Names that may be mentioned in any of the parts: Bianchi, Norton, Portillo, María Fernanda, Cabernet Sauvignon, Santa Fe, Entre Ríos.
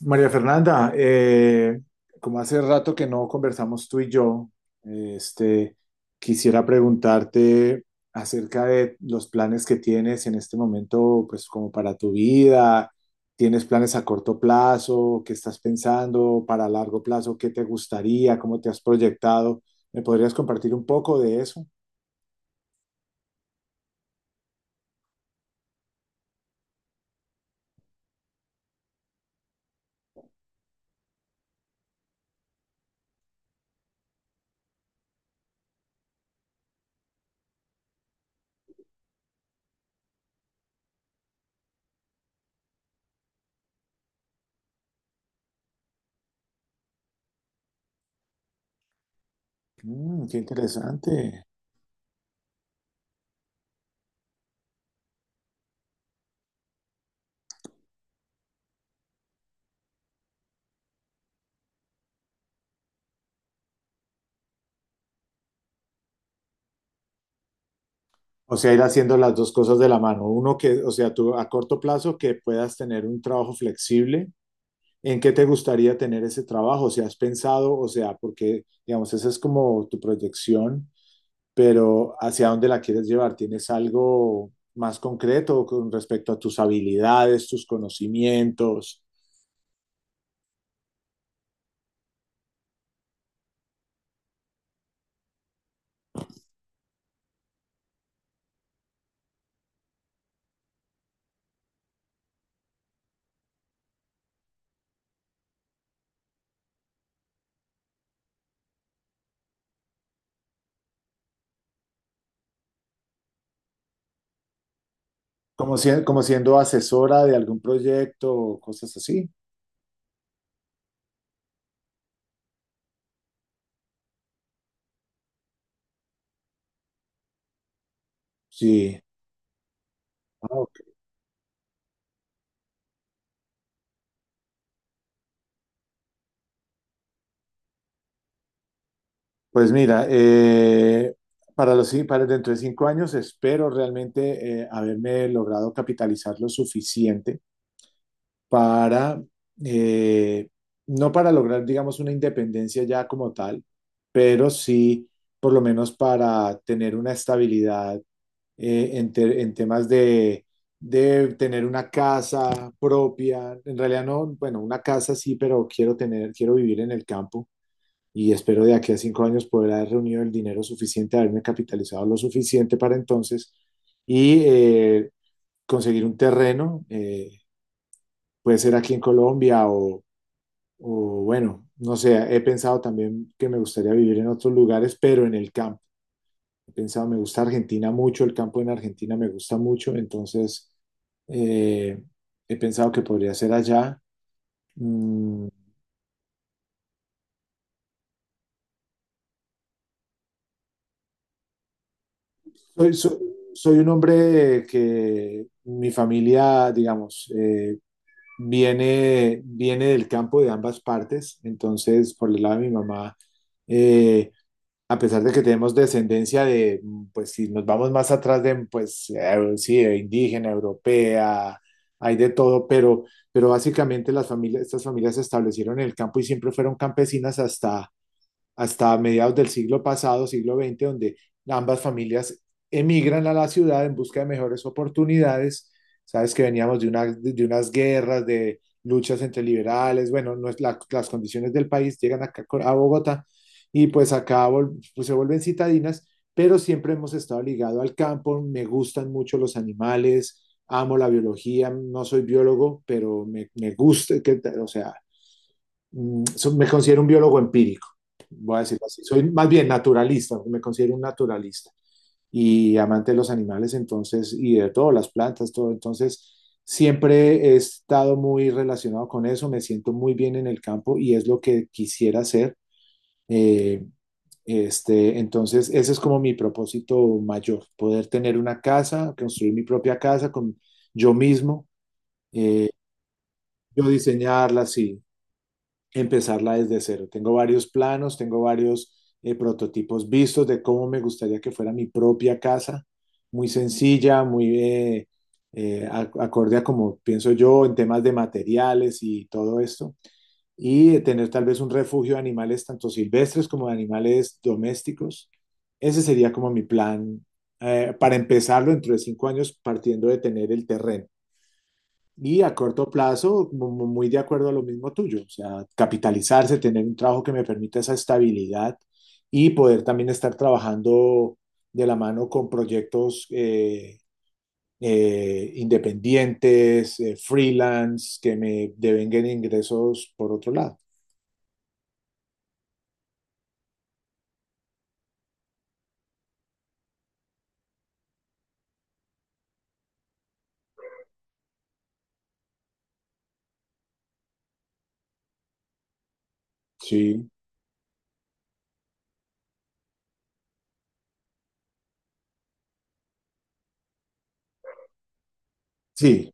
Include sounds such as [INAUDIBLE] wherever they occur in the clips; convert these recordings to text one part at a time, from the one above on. María Fernanda, como hace rato que no conversamos tú y yo, eh, este, quisiera preguntarte acerca de los planes que tienes en este momento, pues como para tu vida. ¿Tienes planes a corto plazo? ¿Qué estás pensando para largo plazo? ¿Qué te gustaría? ¿Cómo te has proyectado? ¿Me podrías compartir un poco de eso? Mm, qué interesante. O sea, ir haciendo las dos cosas de la mano. Uno que, o sea, tú a corto plazo que puedas tener un trabajo flexible. ¿En qué te gustaría tener ese trabajo? O sea, ¿has pensado, o sea, porque, digamos, esa es como tu proyección, pero hacia dónde la quieres llevar? ¿Tienes algo más concreto con respecto a tus habilidades, tus conocimientos? Como, como siendo asesora de algún proyecto o cosas así. Sí. Ah, ok. Pues mira, para para dentro de 5 años espero realmente haberme logrado capitalizar lo suficiente para, eh, no para lograr, digamos, una independencia ya como tal, pero sí por lo menos para tener una estabilidad en temas de tener una casa propia. En realidad no, bueno, una casa sí, pero quiero tener, quiero vivir en el campo. Y espero de aquí a 5 años poder haber reunido el dinero suficiente, haberme capitalizado lo suficiente para entonces y conseguir un terreno, puede ser aquí en Colombia o bueno, no sé, he pensado también que me gustaría vivir en otros lugares, pero en el campo. He pensado, me gusta Argentina mucho, el campo en Argentina me gusta mucho, entonces eh, he pensado que podría ser allá. Mm, soy, soy- soy un hombre que mi familia, digamos, viene del campo de ambas partes, entonces por el lado de mi mamá. eh, A pesar de que tenemos descendencia de, mm, pues si nos vamos más atrás de, pues sí, de indígena, europea, hay de todo, pero básicamente las familias, estas familias se establecieron en el campo y siempre fueron campesinas hasta, hasta mediados del siglo pasado, siglo XX, donde ambas familias emigran a la ciudad en busca de mejores oportunidades. Sabes que veníamos de, una, de unas guerras, de luchas entre liberales, bueno, no es la, las condiciones del país llegan a Bogotá y pues pues se vuelven citadinas, pero siempre hemos estado ligado al campo, me gustan mucho los animales, amo la biología, no soy biólogo, pero me gusta, que, o sea, me considero un biólogo empírico, voy a decirlo así, soy más bien naturalista, me considero un naturalista y amante de los animales, entonces, y de todo, las plantas, todo, entonces, siempre he estado muy relacionado con eso, me siento muy bien en el campo y es lo que quisiera hacer. eh, entonces, ese es como mi propósito mayor, poder tener una casa, construir mi propia casa con yo mismo, eh, yo diseñarla, sí, empezarla desde cero. Tengo varios planos, tengo varios prototipos vistos de cómo me gustaría que fuera mi propia casa, muy sencilla, muy eh, acorde a como pienso yo en temas de materiales y todo esto, y tener tal vez un refugio de animales tanto silvestres como de animales domésticos. Ese sería como mi plan para empezarlo dentro de 5 años partiendo de tener el terreno. Y a corto plazo, muy de acuerdo a lo mismo tuyo, o sea, capitalizarse, tener un trabajo que me permita esa estabilidad y poder también estar trabajando de la mano con proyectos independientes, freelance, que me devenguen ingresos por otro lado. Sí, sí,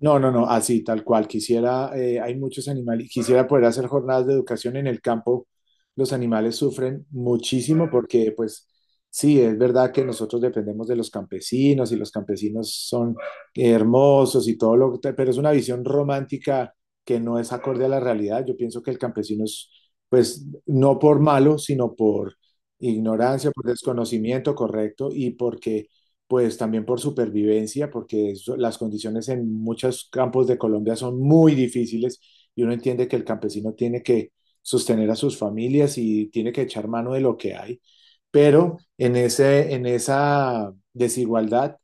no, no, no, así, tal cual. Quisiera, hay muchos animales, quisiera poder hacer jornadas de educación en el campo. Los animales sufren muchísimo porque, pues, sí, es verdad que nosotros dependemos de los campesinos y los campesinos son hermosos y todo lo que, pero es una visión romántica que no es acorde a la realidad. Yo pienso que el campesino es, pues, no por malo, sino por ignorancia, por desconocimiento, correcto, y porque pues también por supervivencia, las condiciones en muchos campos de Colombia son muy difíciles y uno entiende que el campesino tiene que sostener a sus familias y tiene que echar mano de lo que hay. Pero en ese, en esa desigualdad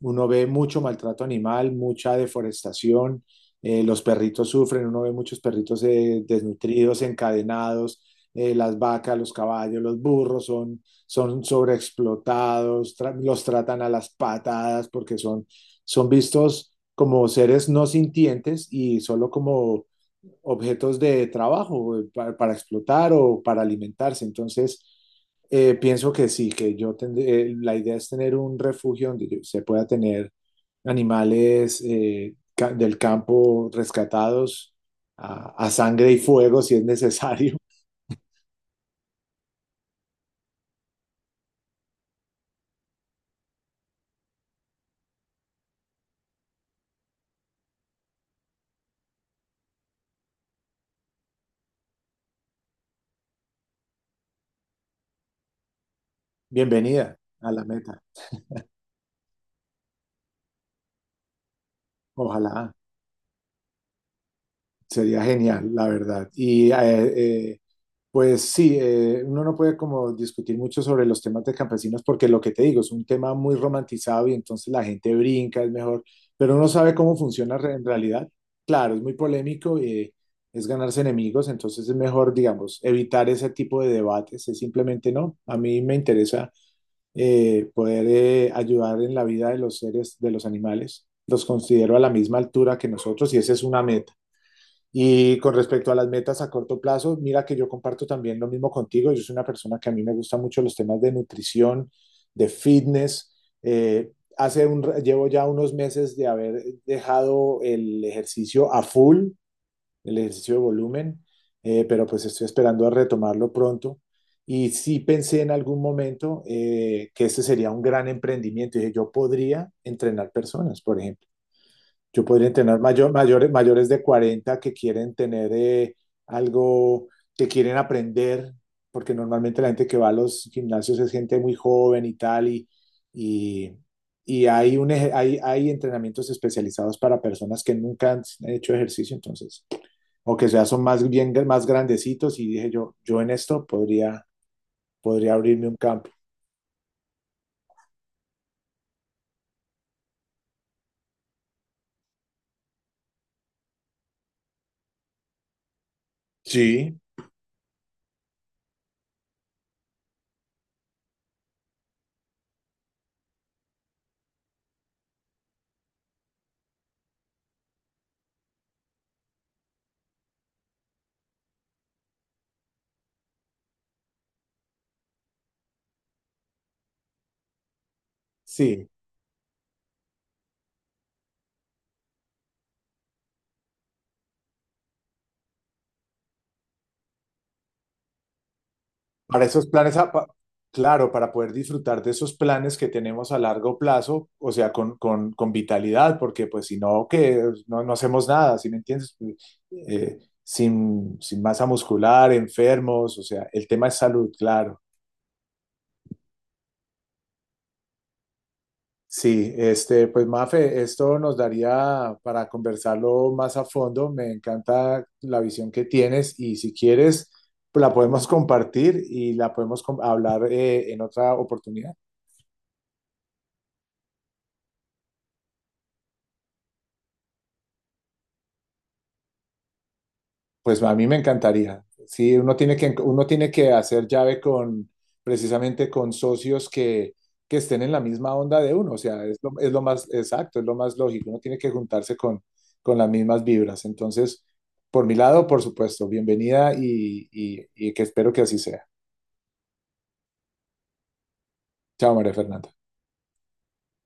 uno ve mucho maltrato animal, mucha deforestación, los perritos sufren, uno ve muchos perritos desnutridos, encadenados, las vacas, los caballos, los burros son sobreexplotados, tra los tratan a las patadas porque son, son vistos como seres no sintientes y solo como objetos de trabajo para explotar o para alimentarse. Entonces, pienso que sí, que yo tendré, la idea es tener un refugio donde se pueda tener animales ca del campo rescatados a sangre y fuego si es necesario. [LAUGHS] Bienvenida a la meta, ojalá. Sería genial, la verdad. Pues sí, uno no puede como discutir mucho sobre los temas de campesinos porque lo que te digo es un tema muy romantizado y entonces la gente brinca, es mejor, pero uno sabe cómo en realidad. Claro, es muy polémico y es ganarse enemigos, entonces es mejor, digamos, evitar ese tipo de debates, es simplemente no. A mí me interesa poder ayudar en la vida de los seres, de los animales. Los considero a la misma altura que nosotros y esa es una meta. Y con respecto a las metas a corto plazo, mira que yo comparto también lo mismo contigo. Yo soy una persona que a mí me gustan mucho los temas de nutrición, de fitness. Eh, llevo ya unos meses de haber dejado el ejercicio a full, el ejercicio de volumen, pero pues estoy esperando a retomarlo pronto. Y sí pensé en algún momento que este sería un gran emprendimiento. Dije, yo podría entrenar personas, por ejemplo. Yo podría entrenar mayores de 40 que quieren tener algo, que quieren aprender, porque normalmente la gente que va a los gimnasios es gente muy joven y tal, y, y hay, hay entrenamientos especializados para personas que nunca han hecho ejercicio, entonces, o que ya son más bien más grandecitos, y dije yo, yo en esto podría, podría abrirme un campo. Sí, sí. Para esos planes, claro, para poder disfrutar de esos planes que tenemos a largo plazo, o sea, con vitalidad, porque pues si no, que no, no hacemos nada, ¿sí me entiendes? Sin masa muscular, enfermos, o sea, el tema es salud, claro. Sí, este, pues Mafe, esto nos daría para conversarlo más a fondo. Me encanta la visión que tienes y si quieres, la podemos compartir y la hablar en otra oportunidad. Pues a mí me encantaría. Sí, uno tiene que hacer llave con, precisamente con socios que estén en la misma onda de uno. O sea, es lo más exacto, es lo más lógico. Uno tiene que juntarse con las mismas vibras. Entonces, por mi lado, por supuesto, bienvenida y que espero que así sea. Chao, María Fernanda.